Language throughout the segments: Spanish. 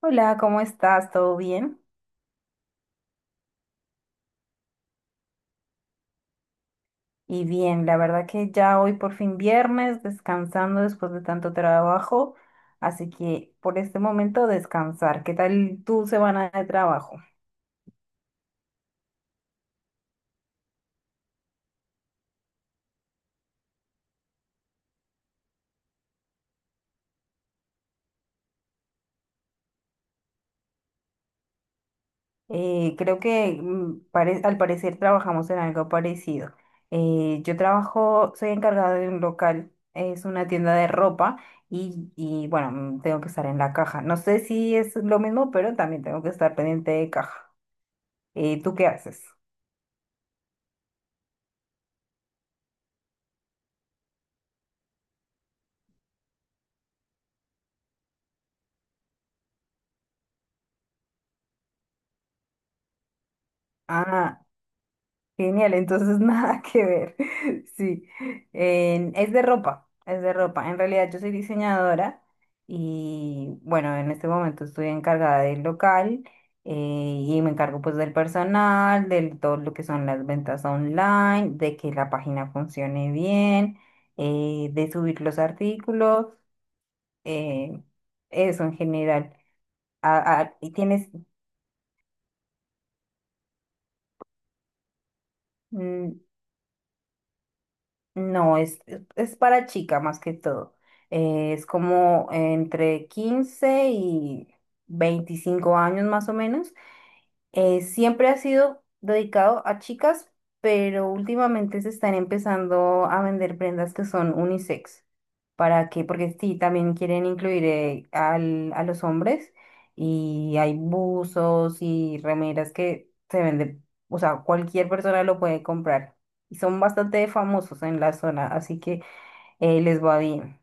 Hola, ¿cómo estás? ¿Todo bien? Y bien, la verdad que ya hoy por fin viernes, descansando después de tanto trabajo, así que por este momento descansar. ¿Qué tal tu semana de trabajo? Creo que al parecer trabajamos en algo parecido. Yo trabajo, soy encargada de un local, es una tienda de ropa y bueno, tengo que estar en la caja. No sé si es lo mismo, pero también tengo que estar pendiente de caja. ¿Tú qué haces? Ah. Genial, entonces nada que ver. Sí, es de ropa, es de ropa. En realidad yo soy diseñadora y bueno, en este momento estoy encargada del local, eh, y me encargo pues del personal, de todo lo que son las ventas online, de que la página funcione bien, de subir los artículos, eh, eso en general. ¿Y tienes, mm, no, es para chica más que todo. Es como entre 15 y 25 años más o menos. Siempre ha sido dedicado a chicas, pero últimamente se están empezando a vender prendas que son unisex. ¿Para qué? Porque sí, también quieren incluir a los hombres, y hay buzos y remeras que se venden, o sea, cualquier persona lo puede comprar. Y son bastante famosos en la zona, así que les va bien.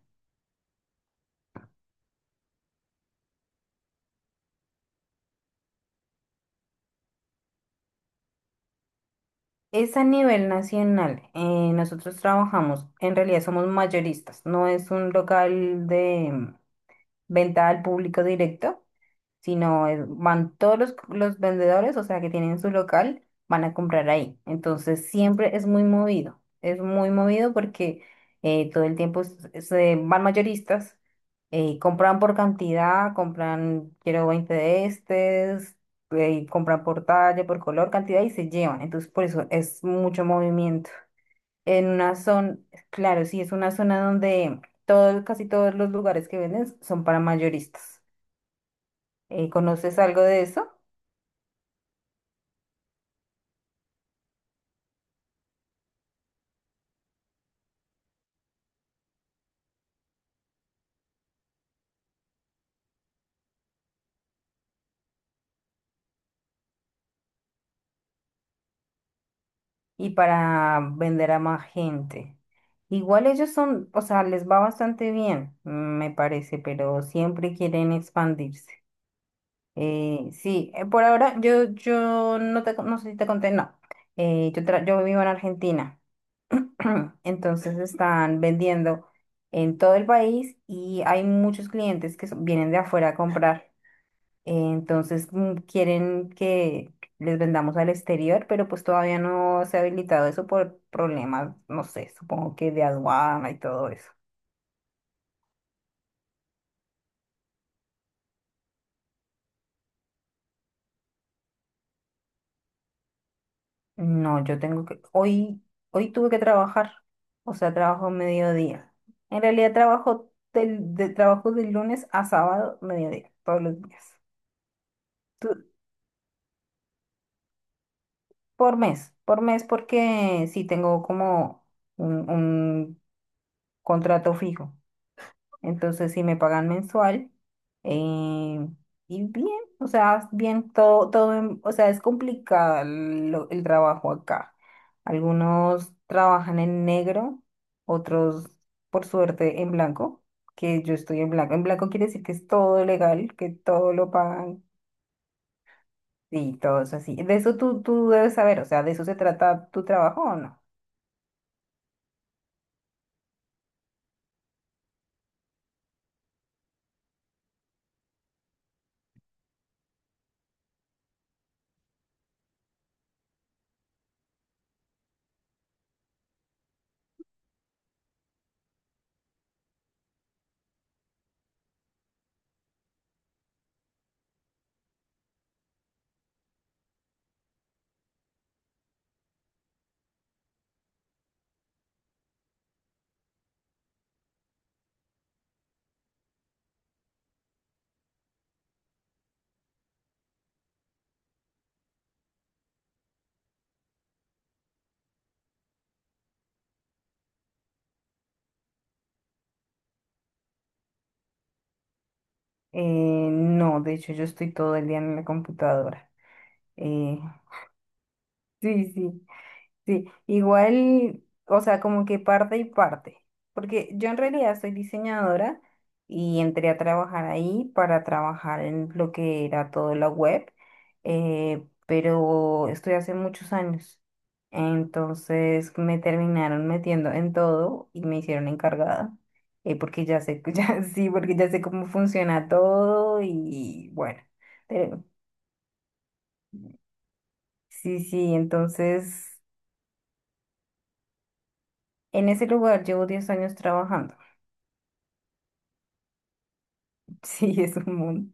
Es a nivel nacional. Nosotros trabajamos, en realidad somos mayoristas, no es un local de venta al público directo, van todos los vendedores, o sea, que tienen su local, van a comprar ahí. Entonces siempre es muy movido porque todo el tiempo se van mayoristas, compran por cantidad, compran, quiero 20 de estes, compran por talla, por color, cantidad y se llevan. Entonces por eso es mucho movimiento. En una zona, claro, sí, es una zona donde todo, casi todos los lugares que venden son para mayoristas. ¿Conoces algo de eso? Y para vender a más gente. Igual ellos son, o sea, les va bastante bien, me parece, pero siempre quieren expandirse. Sí, por ahora yo no te, no sé si te conté, no. Yo vivo en Argentina. Entonces están vendiendo en todo el país y hay muchos clientes que vienen de afuera a comprar. Entonces quieren que les vendamos al exterior, pero pues todavía no se ha habilitado eso por problemas, no sé, supongo que de aduana y todo eso. No, yo tengo que, hoy tuve que trabajar, o sea, trabajo mediodía. En realidad trabajo de lunes a sábado, mediodía, todos los días. Por mes, porque sí tengo como un contrato fijo. Entonces, si me pagan mensual. eh, y bien, o sea, bien, todo, todo, o sea, es complicado el trabajo acá. Algunos trabajan en negro, otros, por suerte, en blanco, que yo estoy en blanco. En blanco quiere decir que es todo legal, que todo lo pagan. Sí, todo es así. De eso tú debes saber, o sea, ¿de eso se trata tu trabajo o no? No, de hecho yo estoy todo el día en la computadora. Eh, sí, sí. Sí, igual, o sea, como que parte y parte, porque yo en realidad soy diseñadora y entré a trabajar ahí para trabajar en lo que era todo la web, pero estoy hace muchos años, entonces me terminaron metiendo en todo y me hicieron encargada, porque ya sé, ya, sí, porque ya sé cómo funciona todo y bueno, pero- sí, sí, entonces en ese lugar llevo 10 años trabajando. Sí, es un mundo.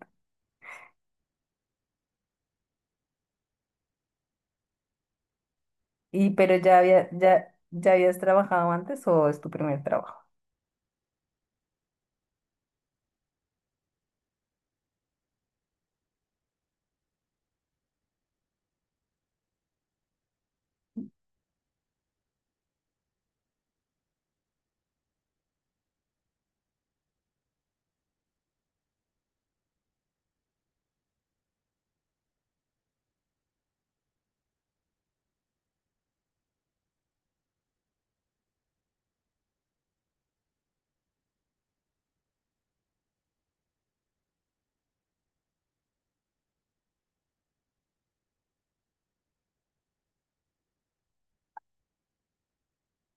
¿ ya ya habías trabajado antes o es tu primer trabajo?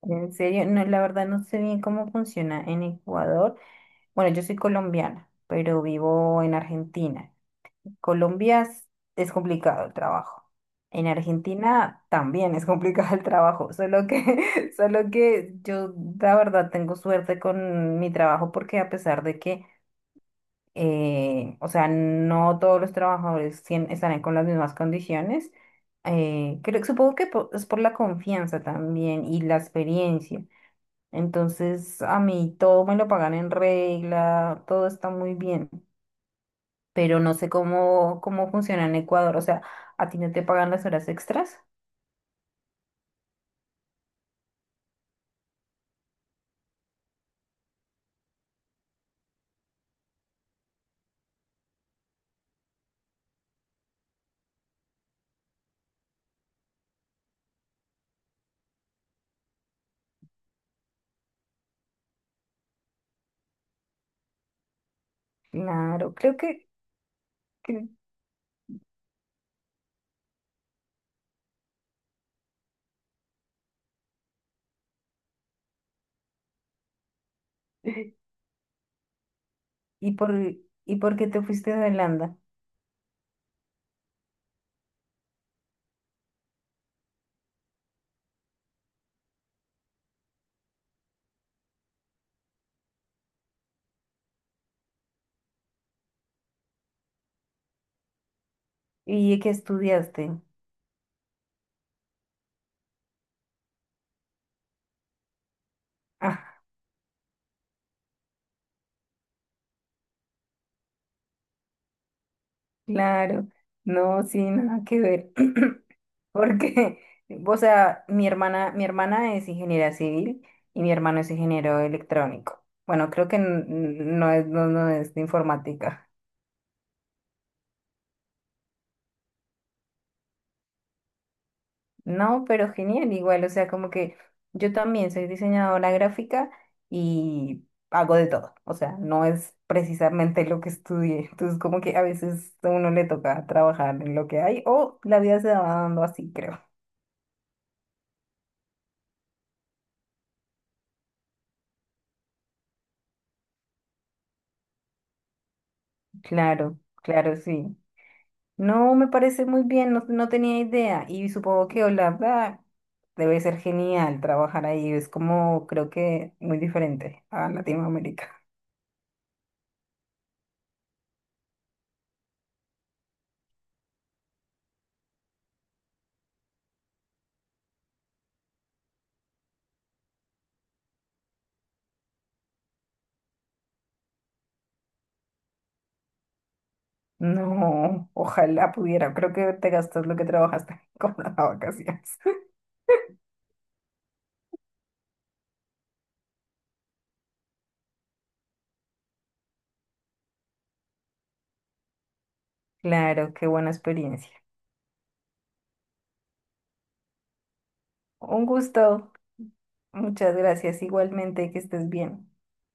En serio, no, la verdad no sé bien cómo funciona en Ecuador. Bueno, yo soy colombiana, pero vivo en Argentina. Colombia es complicado el trabajo. En Argentina también es complicado el trabajo, solo que, solo que yo la verdad tengo suerte con mi trabajo porque a pesar de que o sea, no todos los trabajadores estarán con las mismas condiciones. Supongo que es por la confianza también y la experiencia. Entonces, a mí todo me lo pagan en regla, todo está muy bien, pero no sé cómo funciona en Ecuador. O sea, ¿a ti no te pagan las horas extras? Claro, creo que... que- ¿Y por, y por qué te fuiste a Holanda? ¿Y qué estudiaste? Ah, claro. No, sí, nada que ver. Porque, o sea, mi hermana es ingeniera civil y mi hermano es ingeniero electrónico. Bueno, creo que no es de informática. No, pero genial, igual, o sea, como que yo también soy diseñadora gráfica y hago de todo. O sea, no es precisamente lo que estudié. Entonces, como que a veces a uno le toca trabajar en lo que hay o la vida se va dando así, creo. Claro, claro, sí. No, me parece muy bien, no, no tenía idea. Y supongo que Holanda debe ser genial trabajar ahí. Es como, creo que muy diferente a Latinoamérica. No, ojalá pudiera. Creo que te gastas lo que trabajaste con las vacaciones. Claro, qué buena experiencia. Un gusto. Muchas gracias. Igualmente, que estés bien.